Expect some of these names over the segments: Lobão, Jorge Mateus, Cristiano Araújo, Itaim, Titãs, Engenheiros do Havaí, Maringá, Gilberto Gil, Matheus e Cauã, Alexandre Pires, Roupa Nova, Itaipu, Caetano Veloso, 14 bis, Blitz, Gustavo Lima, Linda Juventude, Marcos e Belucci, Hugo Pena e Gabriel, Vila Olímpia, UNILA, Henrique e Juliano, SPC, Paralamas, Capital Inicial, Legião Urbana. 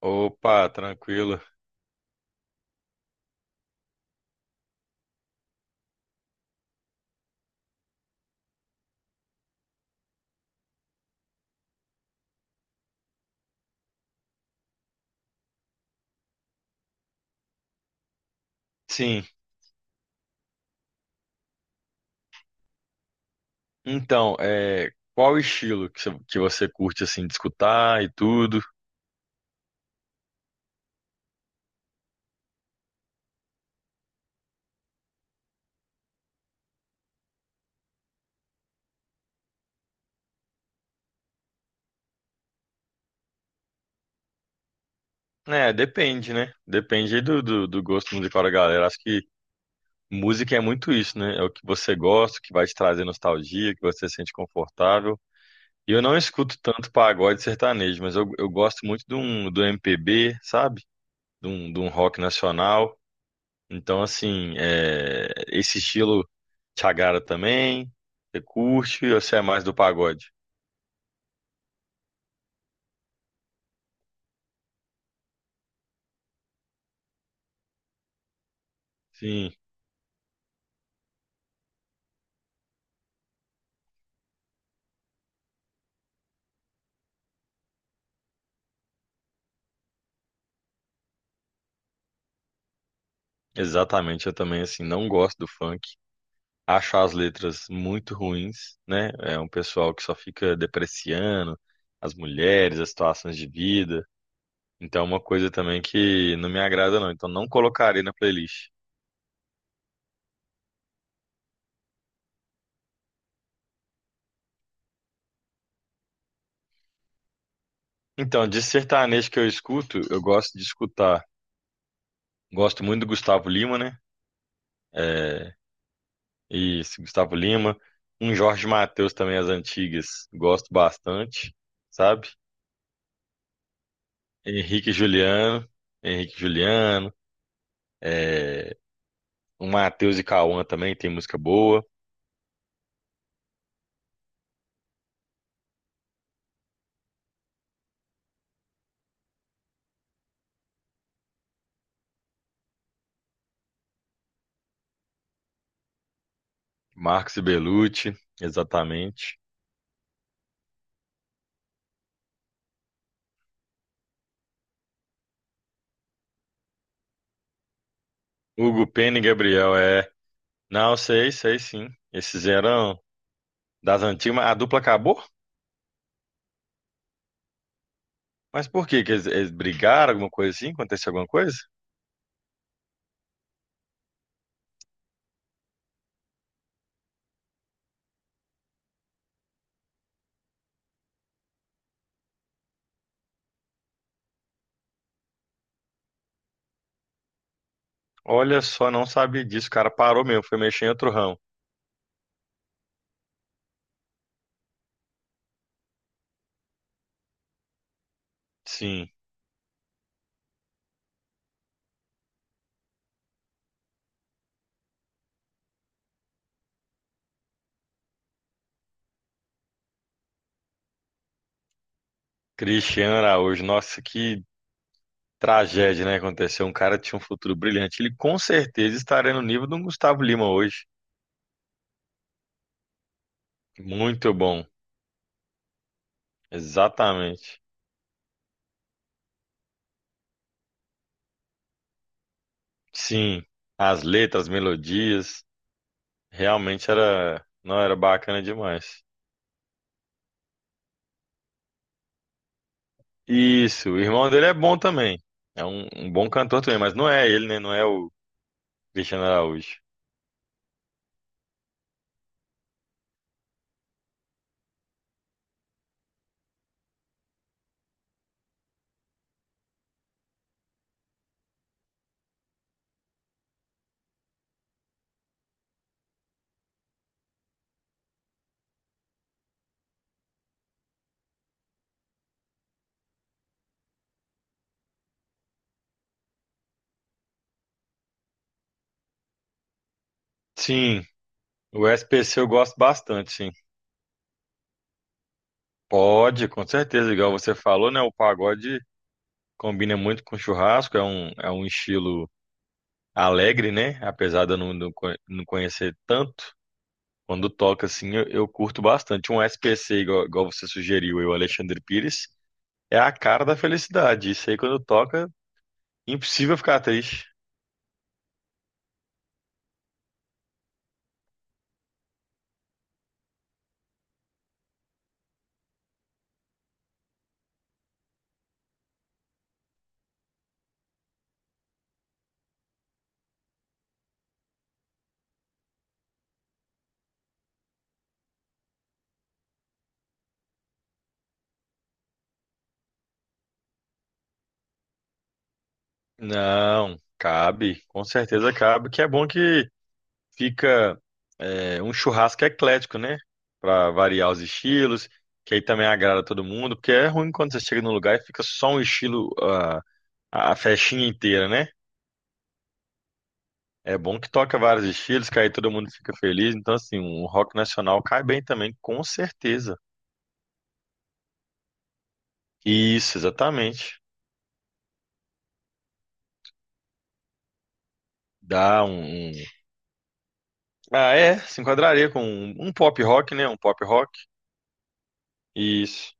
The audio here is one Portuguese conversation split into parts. Opa, tranquilo. Sim, então, qual o estilo que você curte, assim, de escutar e tudo? É, depende, né? Depende aí do gosto musical da galera. Acho que música é muito isso, né? É o que você gosta, o que vai te trazer nostalgia, que você se sente confortável. E eu não escuto tanto pagode sertanejo, mas eu gosto muito do MPB, sabe? De um rock nacional. Então, assim, esse estilo te agrada também? Você curte ou você é mais do pagode? Sim, exatamente. Eu também, assim, não gosto do funk. Acho as letras muito ruins, né? É um pessoal que só fica depreciando as mulheres, as situações de vida. Então, é uma coisa também que não me agrada, não. Então, não colocarei na playlist. Então, de sertanejo que eu escuto, eu gosto de escutar. Gosto muito do Gustavo Lima, né? eh, Isso, Gustavo Lima. Um Jorge Mateus também, as antigas, gosto bastante, sabe? Henrique e Juliano, Henrique e Juliano, é, o Matheus e Cauã também tem música boa. Marcos e Belucci, exatamente. Hugo Pena e Gabriel, é. Não, sei sim. Esses eram das antigas, mas a dupla acabou? Mas por quê? Que eles brigaram, alguma coisa assim? Aconteceu alguma coisa? Olha só, não sabia disso, o cara parou mesmo, foi mexer em outro ramo. Sim. Cristiano Araújo, nossa, que tragédia, né? Aconteceu. Um cara tinha um futuro brilhante. Ele com certeza estaria no nível do Gustavo Lima hoje. Muito bom, exatamente. Sim, as letras, as melodias, realmente era, não era bacana demais. Isso, o irmão dele é bom também. É um bom cantor também, mas não é ele, né? Não é o Cristiano Araújo. Sim, o SPC eu gosto bastante, sim. Pode, com certeza, igual você falou, né? O pagode combina muito com churrasco, é um estilo alegre, né? Apesar de eu não não conhecer tanto, quando toca assim, eu curto bastante. Um SPC, igual você sugeriu, Alexandre Pires, é a cara da felicidade. Isso aí, quando toca, impossível ficar triste. Não, cabe, com certeza cabe, que é bom que fica um churrasco eclético, né? Pra variar os estilos, que aí também agrada todo mundo, porque é ruim quando você chega num lugar e fica só um estilo. Ah, a festinha inteira, né? É bom que toca vários estilos, que aí todo mundo fica feliz. Então, assim, um rock nacional cai bem também, com certeza. Isso, exatamente. Dá um. um- Ah, se enquadraria com um pop rock, né? Um pop rock. Isso.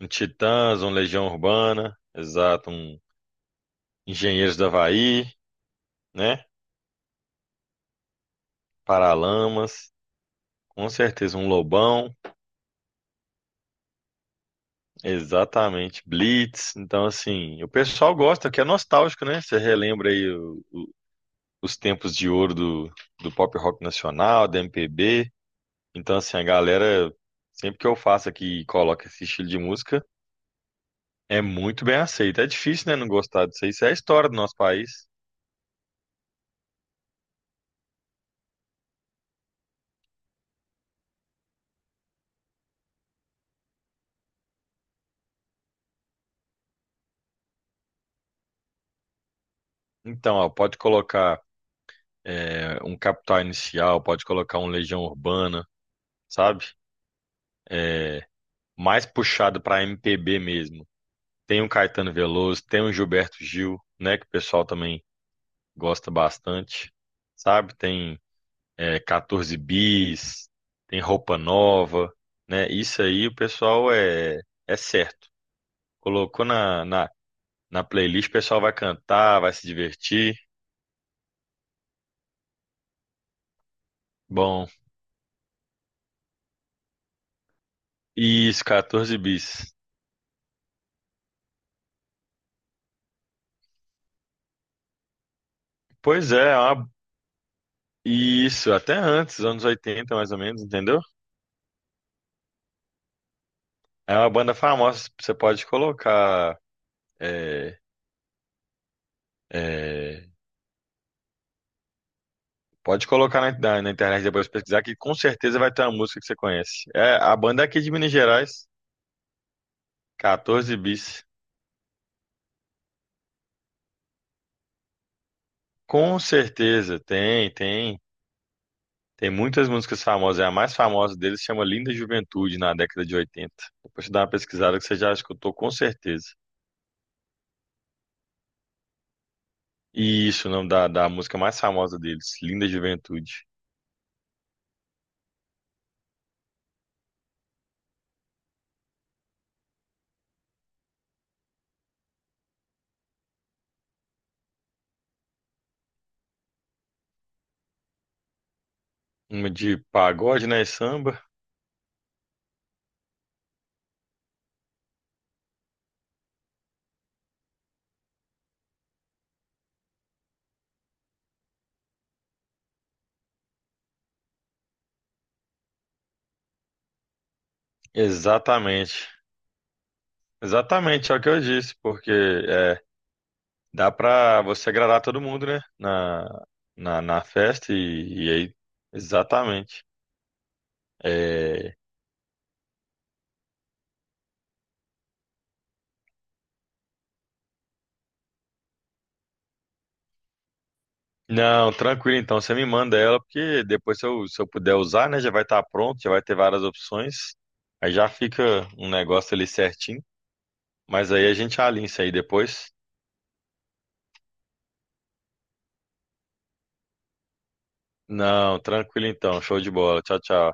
Um Titãs, um Legião Urbana, exato. Um Engenheiros do Havaí, né? Paralamas, com certeza. Um Lobão, exatamente. Blitz. Então, assim, o pessoal gosta, que é nostálgico, né? Você relembra aí os tempos de ouro do pop rock nacional, da MPB. Então, assim, a galera, sempre que eu faço aqui e coloco esse estilo de música, é muito bem aceito. É difícil, né, não gostar disso aí. Isso é a história do nosso país. Então, ó, pode colocar um Capital Inicial, pode colocar um Legião Urbana, sabe? É, mais puxado para MPB mesmo. Tem um Caetano Veloso, tem um Gilberto Gil, né, que o pessoal também gosta bastante, sabe? Tem 14 bis, tem roupa nova, né? Isso aí o pessoal é certo. Colocou na playlist, o pessoal vai cantar, vai se divertir. Bom, isso, 14 bis. Pois é, isso, até antes, anos 80 mais ou menos, entendeu? É uma banda famosa, você pode colocar. é, é, pode colocar na, na internet depois pesquisar, que com certeza vai ter uma música que você conhece. É, a banda é aqui de Minas Gerais, 14 bis. Com certeza, tem, tem. Tem muitas músicas famosas. A mais famosa deles chama Linda Juventude, na década de oitenta. Depois você dá uma pesquisada que você já escutou, com certeza. E isso, o nome da música mais famosa deles, Linda Juventude. Uma de pagode, né? E samba. Exatamente. Exatamente, é o que eu disse, porque dá pra você agradar todo mundo, né? Na festa e aí. Exatamente. É, Não, tranquilo então. Você me manda ela, porque depois se eu puder usar, né? Já vai estar pronto, já vai ter várias opções. Aí já fica um negócio ali certinho. Mas aí a gente alinha isso aí depois. Não, tranquilo então. Show de bola. Tchau, tchau.